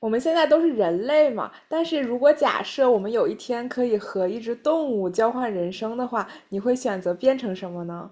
我们现在都是人类嘛，但是如果假设我们有一天可以和一只动物交换人生的话，你会选择变成什么呢？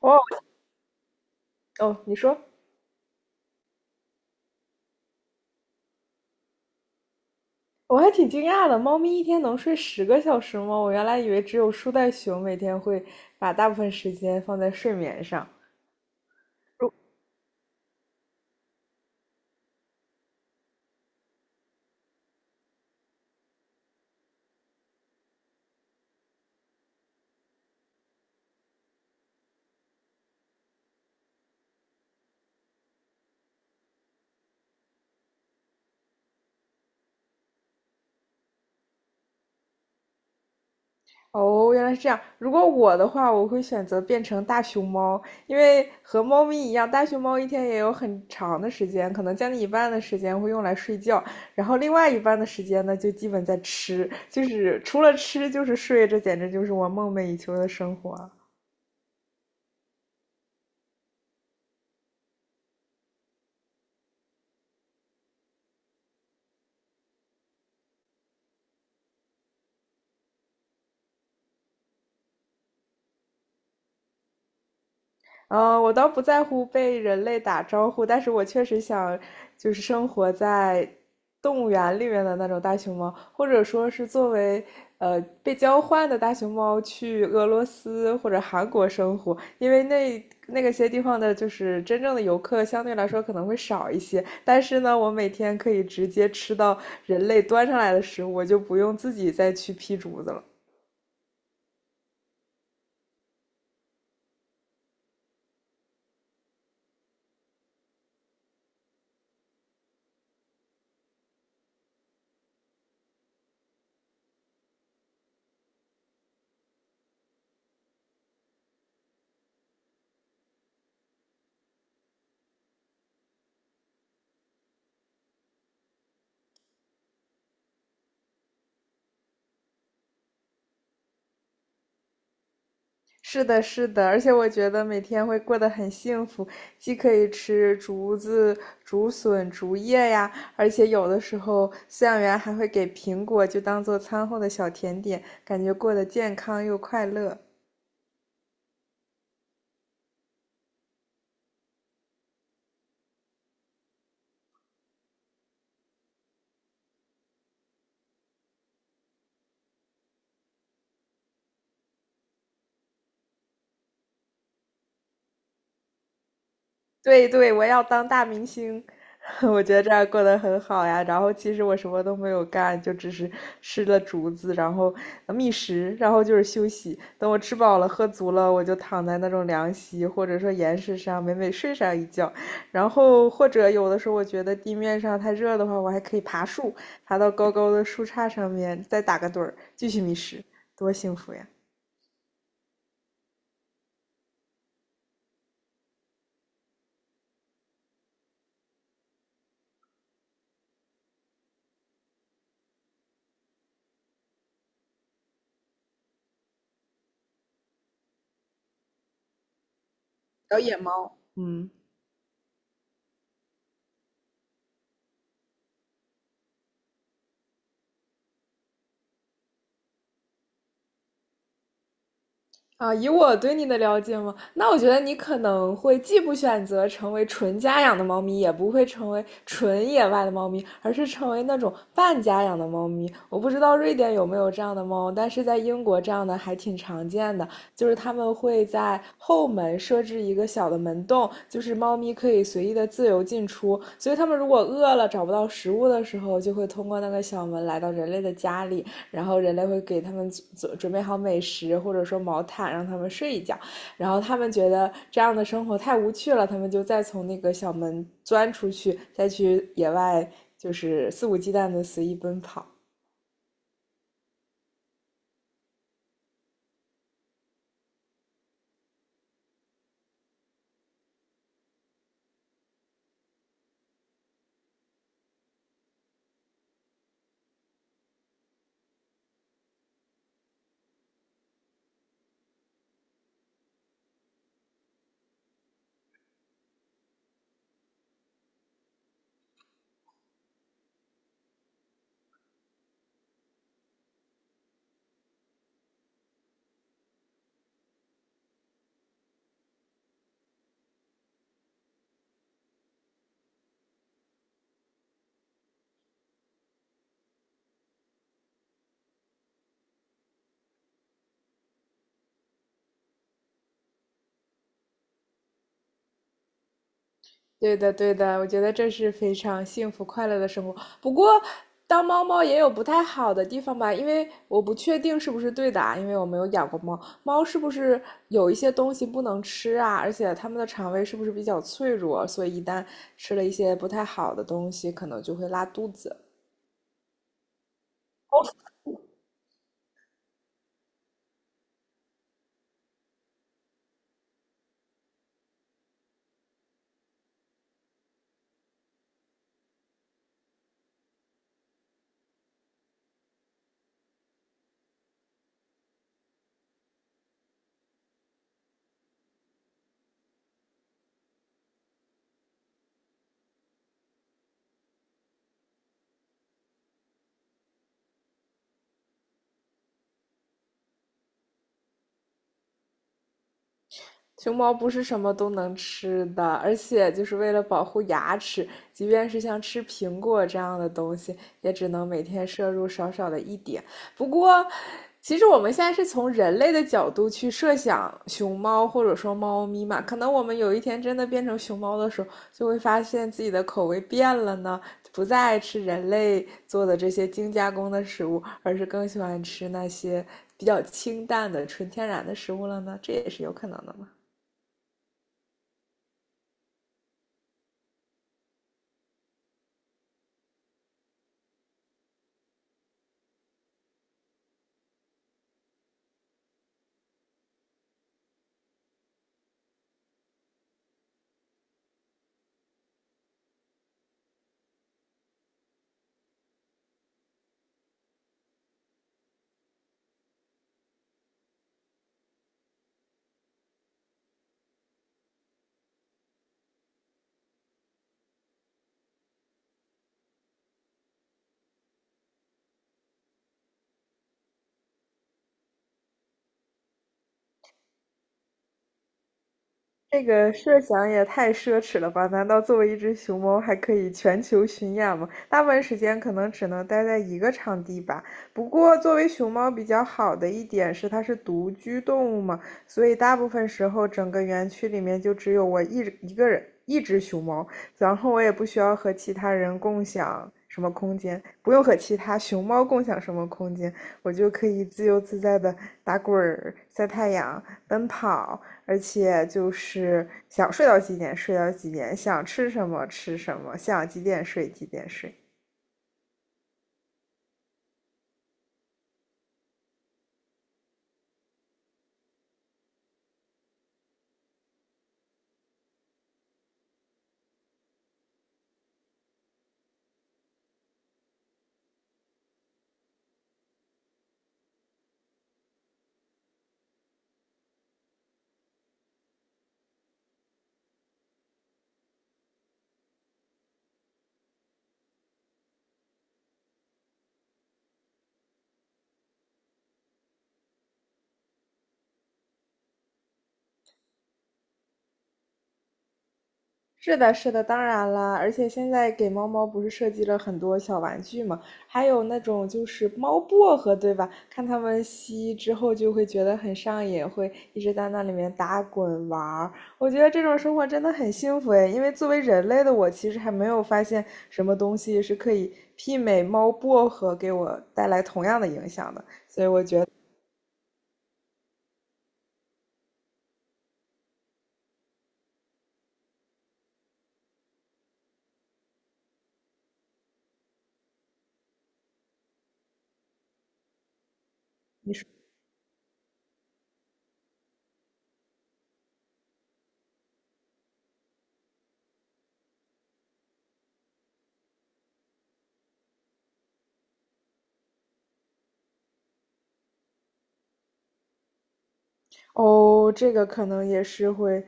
哦，哦，你说，我还挺惊讶的，猫咪一天能睡10个小时吗？我原来以为只有树袋熊每天会把大部分时间放在睡眠上。哦，原来是这样。如果我的话，我会选择变成大熊猫，因为和猫咪一样，大熊猫一天也有很长的时间，可能将近一半的时间会用来睡觉，然后另外一半的时间呢，就基本在吃，就是除了吃就是睡，这简直就是我梦寐以求的生活。嗯，我倒不在乎被人类打招呼，但是我确实想，就是生活在动物园里面的那种大熊猫，或者说是作为被交换的大熊猫去俄罗斯或者韩国生活，因为那个些地方的，就是真正的游客相对来说可能会少一些，但是呢，我每天可以直接吃到人类端上来的食物，我就不用自己再去劈竹子了。是的，是的，而且我觉得每天会过得很幸福，既可以吃竹子、竹笋、竹叶呀，而且有的时候饲养员还会给苹果，就当做餐后的小甜点，感觉过得健康又快乐。对对，我要当大明星，我觉得这样过得很好呀。然后其实我什么都没有干，就只是吃了竹子，然后觅食，然后就是休息。等我吃饱了、喝足了，我就躺在那种凉席或者说岩石上，美美睡上一觉。然后或者有的时候我觉得地面上太热的话，我还可以爬树，爬到高高的树杈上面，再打个盹儿，继续觅食，多幸福呀！小野猫。嗯。啊，以我对你的了解嘛，那我觉得你可能会既不选择成为纯家养的猫咪，也不会成为纯野外的猫咪，而是成为那种半家养的猫咪。我不知道瑞典有没有这样的猫，但是在英国这样的还挺常见的，就是他们会在后门设置一个小的门洞，就是猫咪可以随意的自由进出。所以它们如果饿了找不到食物的时候，就会通过那个小门来到人类的家里。然后人类会给他们准备好美食，或者说毛毯让他们睡一觉，然后他们觉得这样的生活太无趣了，他们就再从那个小门钻出去，再去野外就是肆无忌惮的随意奔跑。对的，对的，我觉得这是非常幸福快乐的生活。不过，当猫猫也有不太好的地方吧，因为我不确定是不是对的啊，因为我没有养过猫。猫是不是有一些东西不能吃啊？而且它们的肠胃是不是比较脆弱，所以一旦吃了一些不太好的东西，可能就会拉肚子。熊猫不是什么都能吃的，而且就是为了保护牙齿，即便是像吃苹果这样的东西，也只能每天摄入少少的一点。不过，其实我们现在是从人类的角度去设想熊猫或者说猫咪嘛，可能我们有一天真的变成熊猫的时候，就会发现自己的口味变了呢，不再爱吃人类做的这些精加工的食物，而是更喜欢吃那些比较清淡的、纯天然的食物了呢，这也是有可能的。这个设想也太奢侈了吧？难道作为一只熊猫还可以全球巡演吗？大部分时间可能只能待在一个场地吧。不过，作为熊猫比较好的一点是它是独居动物嘛，所以大部分时候整个园区里面就只有我一个人，一只熊猫，然后我也不需要和其他人共享什么空间，不用和其他熊猫共享什么空间，我就可以自由自在的打滚儿、晒太阳、奔跑。而且就是想睡到几点睡到几点，想吃什么吃什么，想几点睡几点睡。是的，是的，当然啦，而且现在给猫猫不是设计了很多小玩具嘛，还有那种就是猫薄荷，对吧？看它们吸之后就会觉得很上瘾，会一直在那里面打滚玩。我觉得这种生活真的很幸福诶，因为作为人类的我，其实还没有发现什么东西是可以媲美猫薄荷给我带来同样的影响的。哦，这个可能也是会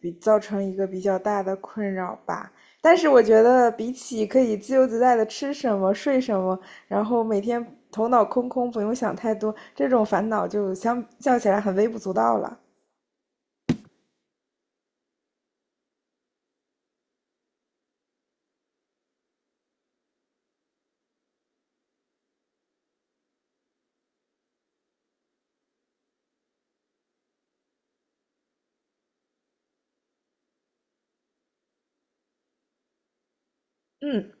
比造成一个比较大的困扰吧。但是我觉得，比起可以自由自在的吃什么、睡什么，然后每天头脑空空，不用想太多，这种烦恼就相较起来很微不足道了。嗯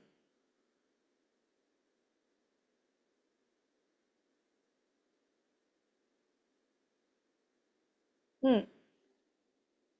嗯。